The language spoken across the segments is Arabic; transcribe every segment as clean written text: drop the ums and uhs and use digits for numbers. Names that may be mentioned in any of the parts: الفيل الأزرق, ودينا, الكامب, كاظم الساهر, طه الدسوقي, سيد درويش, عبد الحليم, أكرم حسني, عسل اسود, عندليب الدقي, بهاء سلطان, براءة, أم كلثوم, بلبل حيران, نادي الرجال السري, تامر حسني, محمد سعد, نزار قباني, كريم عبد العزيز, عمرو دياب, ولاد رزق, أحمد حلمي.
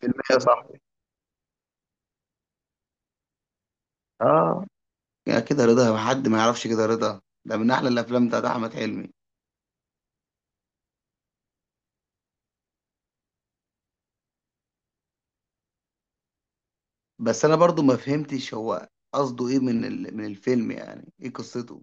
فيلم يا صاحبي. اه، يا كده رضا، حد ما يعرفش كده رضا ده من احلى الافلام بتاعت احمد حلمي. بس انا برضو ما فهمتش هو قصده ايه من الفيلم، يعني ايه قصته.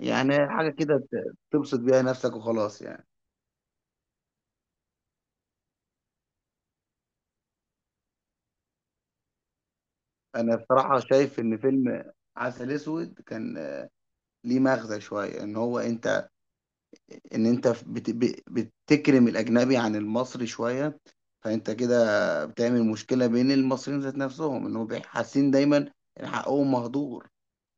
يعني حاجه كده تبسط بيها نفسك وخلاص يعني. انا بصراحه شايف ان فيلم عسل اسود كان ليه مغزى شويه، ان هو انت، ان انت بتكرم الاجنبي عن المصري شويه، فانت كده بتعمل مشكله بين المصريين ذات نفسهم، ان هم حاسين دايما ان حقهم مهدور،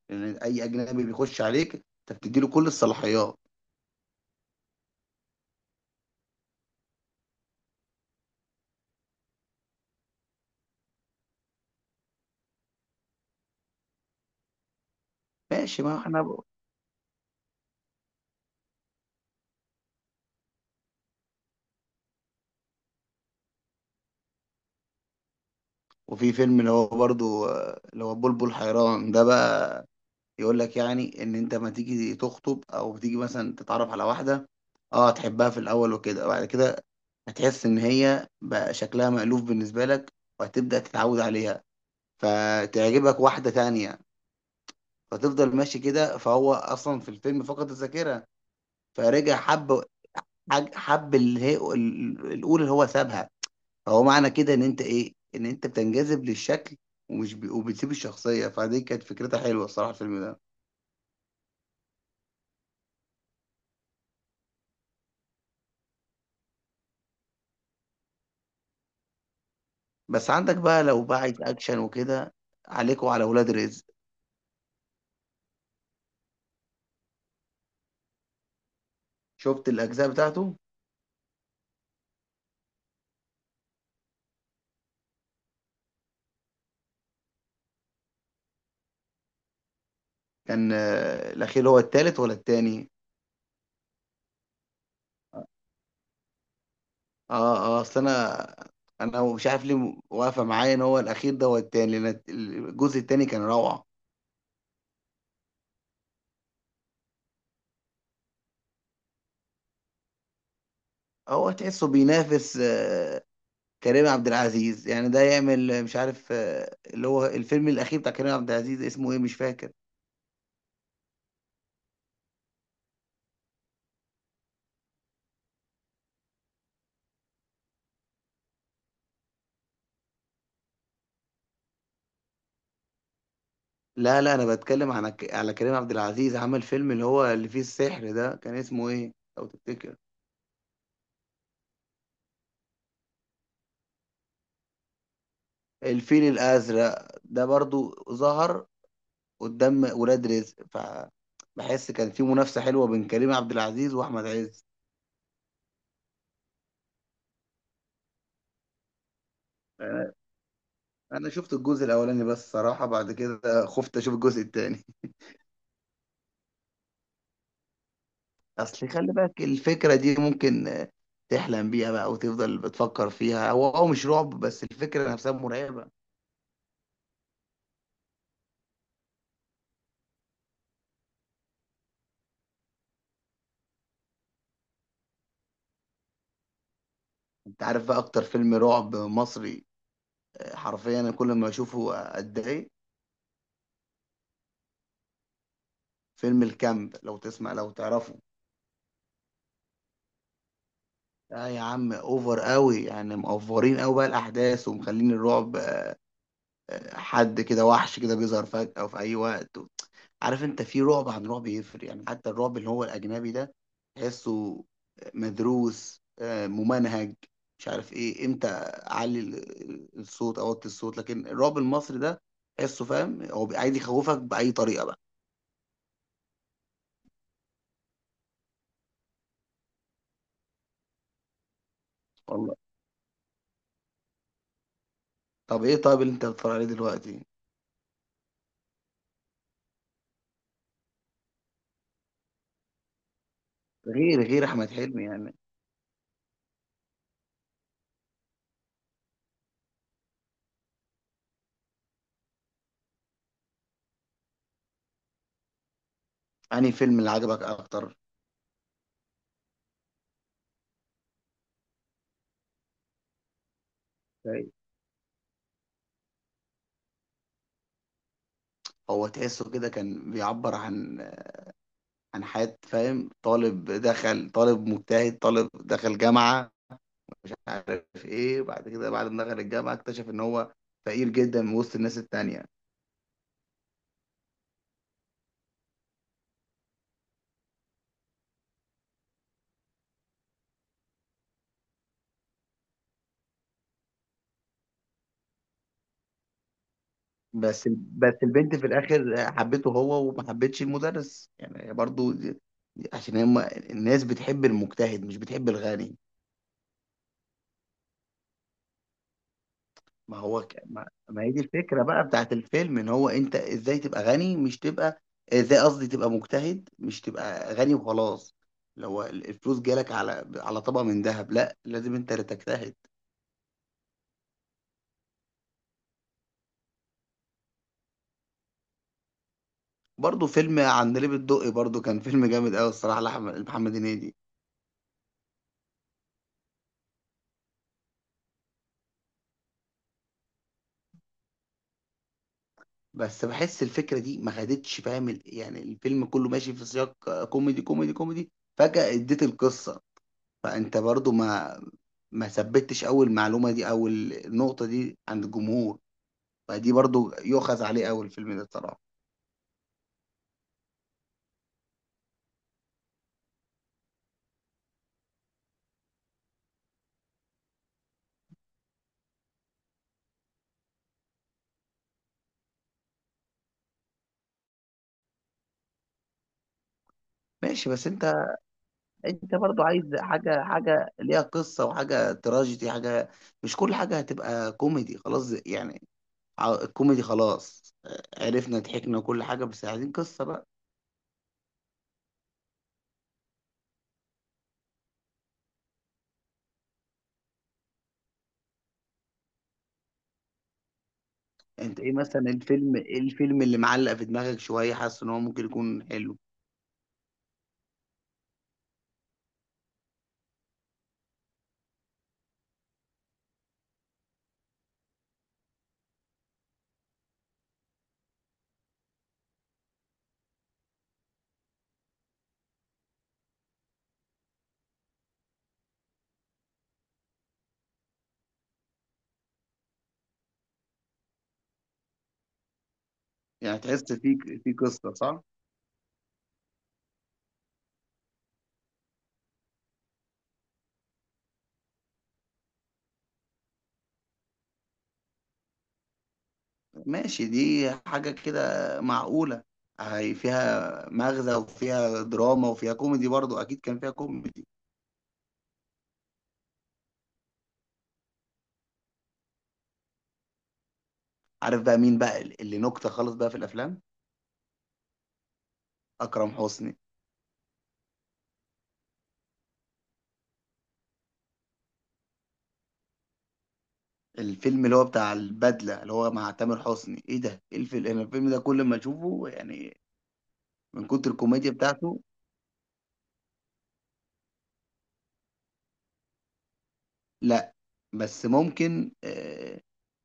لان اي اجنبي بيخش عليك انت بتديله كل الصلاحيات. ماشي، ما احنا ب... وفي فيلم اللي هو برضو اللي هو بلبل حيران ده بقى، يقول لك يعني ان انت ما تيجي تخطب او تيجي مثلا تتعرف على واحده، اه تحبها في الاول وكده، وبعد كده هتحس ان هي بقى شكلها مألوف بالنسبه لك، وهتبدأ تتعود عليها، فتعجبك واحده تانية، فتفضل ماشي كده. فهو اصلا في الفيلم فقد الذاكره، فرجع حب حب اللي هي الاولى اللي هو سابها. فهو معنى كده ان انت ايه، ان انت بتنجذب للشكل وبتسيب الشخصيه. فدي كانت فكرتها حلوه الصراحه الفيلم ده. بس عندك بقى لو بقى عايز اكشن وكده، عليك وعلى ولاد رزق. شفت الاجزاء بتاعته؟ كان الاخير هو التالت ولا التاني؟ اه اه، اصل انا، انا مش عارف ليه واقفه معايا ان هو الاخير ده هو التاني، لان الجزء التاني كان روعه. هو تحسه بينافس كريم عبد العزيز، يعني ده يعمل مش عارف اللي هو الفيلم الأخير بتاع كريم عبد العزيز اسمه إيه مش فاكر. لا لا، أنا بتكلم عن على كريم عبد العزيز، عمل فيلم اللي هو اللي فيه السحر ده كان اسمه إيه لو تفتكر. الفيل الأزرق ده برضو ظهر قدام ولاد رزق، فبحس كان في منافسة حلوة بين كريم عبد العزيز وأحمد عز. أنا أنا شفت الجزء الأولاني بس، صراحة بعد كده خفت أشوف الجزء التاني. اصل خلي بالك الفكره دي ممكن تحلم بيها بقى وتفضل بتفكر فيها. هو مش رعب بس الفكره نفسها مرعبه. انت عارف بقى اكتر فيلم رعب مصري؟ حرفيا انا كل ما اشوفه اتضايق. فيلم الكامب، لو تسمع لو تعرفه. لا يا عم، اوفر قوي يعني، مقفرين قوي بقى الاحداث ومخلين الرعب. حد كده وحش كده بيظهر فجأة في اي وقت. عارف انت، في رعب عن رعب يفرق يعني، حتى الرعب اللي هو الاجنبي ده تحسه مدروس، ممنهج، مش عارف ايه، امتى اعلي الصوت اوطي الصوت. لكن الرعب المصري ده تحسه فاهم هو عايز يخوفك باي طريقه بقى. والله. طب ايه طيب اللي انت بتتفرج عليه دلوقتي؟ غير احمد حلمي يعني، انهي فيلم اللي عجبك اكتر؟ طيب. هو تحسه كده كان بيعبر عن عن حياة فاهم، طالب دخل، طالب مجتهد، طالب دخل جامعة عارف ايه، وبعد كده بعد ما دخل الجامعه اكتشف ان هو فقير جدا من وسط الناس التانية. بس البنت في الاخر حبته هو وما حبتش المدرس، يعني هي برضو عشان هم الناس بتحب المجتهد مش بتحب الغني. ما هو ك... ما... ما هي دي الفكره بقى بتاعت الفيلم، ان هو انت ازاي تبقى غني مش تبقى، ازاي قصدي تبقى مجتهد مش تبقى غني وخلاص. لو الفلوس جالك على على طبق من ذهب، لا لازم انت اللي تجتهد. برضه فيلم عندليب الدقي برضه كان فيلم جامد قوي الصراحه لاحمد محمد هنيدي. بس بحس الفكره دي ما خدتش فاهم يعني الفيلم كله ماشي في سياق كوميدي كوميدي كوميدي، فجاه اديت القصه، فانت برضه ما ثبتش اول معلومه دي او النقطه دي عند الجمهور، فدي برضه يؤخذ عليه اول الفيلم ده الصراحه. ماشي بس انت، انت برضه عايز حاجه، حاجه ليها قصه وحاجه تراجيدي حاجه، مش كل حاجه هتبقى كوميدي خلاص يعني. الكوميدي خلاص، عرفنا ضحكنا وكل حاجة، بس عايزين قصة بقى. انت ايه مثلا الفيلم، ايه الفيلم اللي معلق في دماغك شوية حاسس ان هو ممكن يكون حلو؟ يعني تحس فيه في قصة صح؟ ماشي، دي حاجة كده معقولة، هي فيها مغزى وفيها دراما وفيها كوميدي برضو، اكيد كان فيها كوميدي. عارف بقى مين بقى اللي نكتة خالص بقى في الافلام؟ اكرم حسني. الفيلم اللي هو بتاع البدلة اللي هو مع تامر حسني ايه ده، ايه الفيلم، انا الفيلم ده كل ما اشوفه يعني من كتر الكوميديا بتاعته. لا. بس ممكن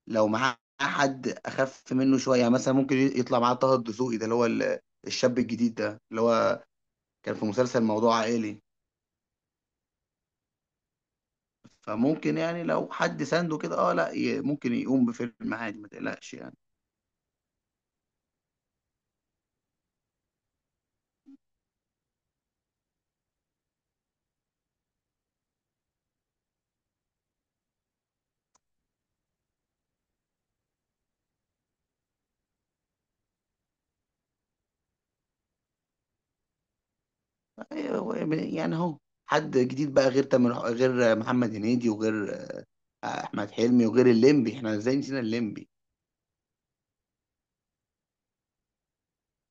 لو معاه حد اخف منه شويه، يعني مثلا ممكن يطلع معاه طه الدسوقي ده اللي هو الشاب الجديد ده اللي هو كان في مسلسل موضوع عائلي، فممكن يعني لو حد سانده كده اه، لا ممكن يقوم بفيلم عادي ما تقلقش يعني. يعني اهو، حد جديد بقى غير تامر غير محمد هنيدي وغير احمد حلمي وغير الليمبي، احنا ازاي نسينا الليمبي،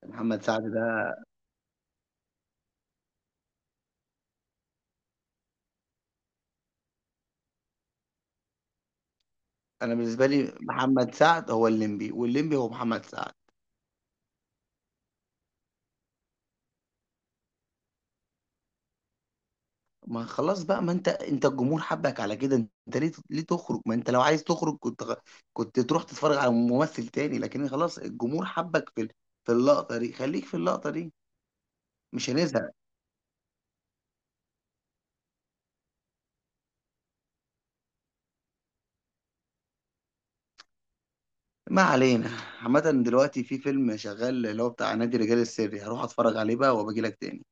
محمد سعد ده. انا بالنسبه لي محمد سعد هو الليمبي والليمبي هو محمد سعد. ما خلاص بقى، ما انت انت الجمهور حبك على كده، انت ليه ليه تخرج، ما انت لو عايز تخرج كنت كنت تروح تتفرج على ممثل تاني، لكن خلاص الجمهور حبك في في اللقطة دي خليك في اللقطة دي. مش هنزهق. ما علينا. عامة دلوقتي في فيلم شغال اللي هو بتاع نادي الرجال السري، هروح اتفرج عليه بقى وابجي لك تاني.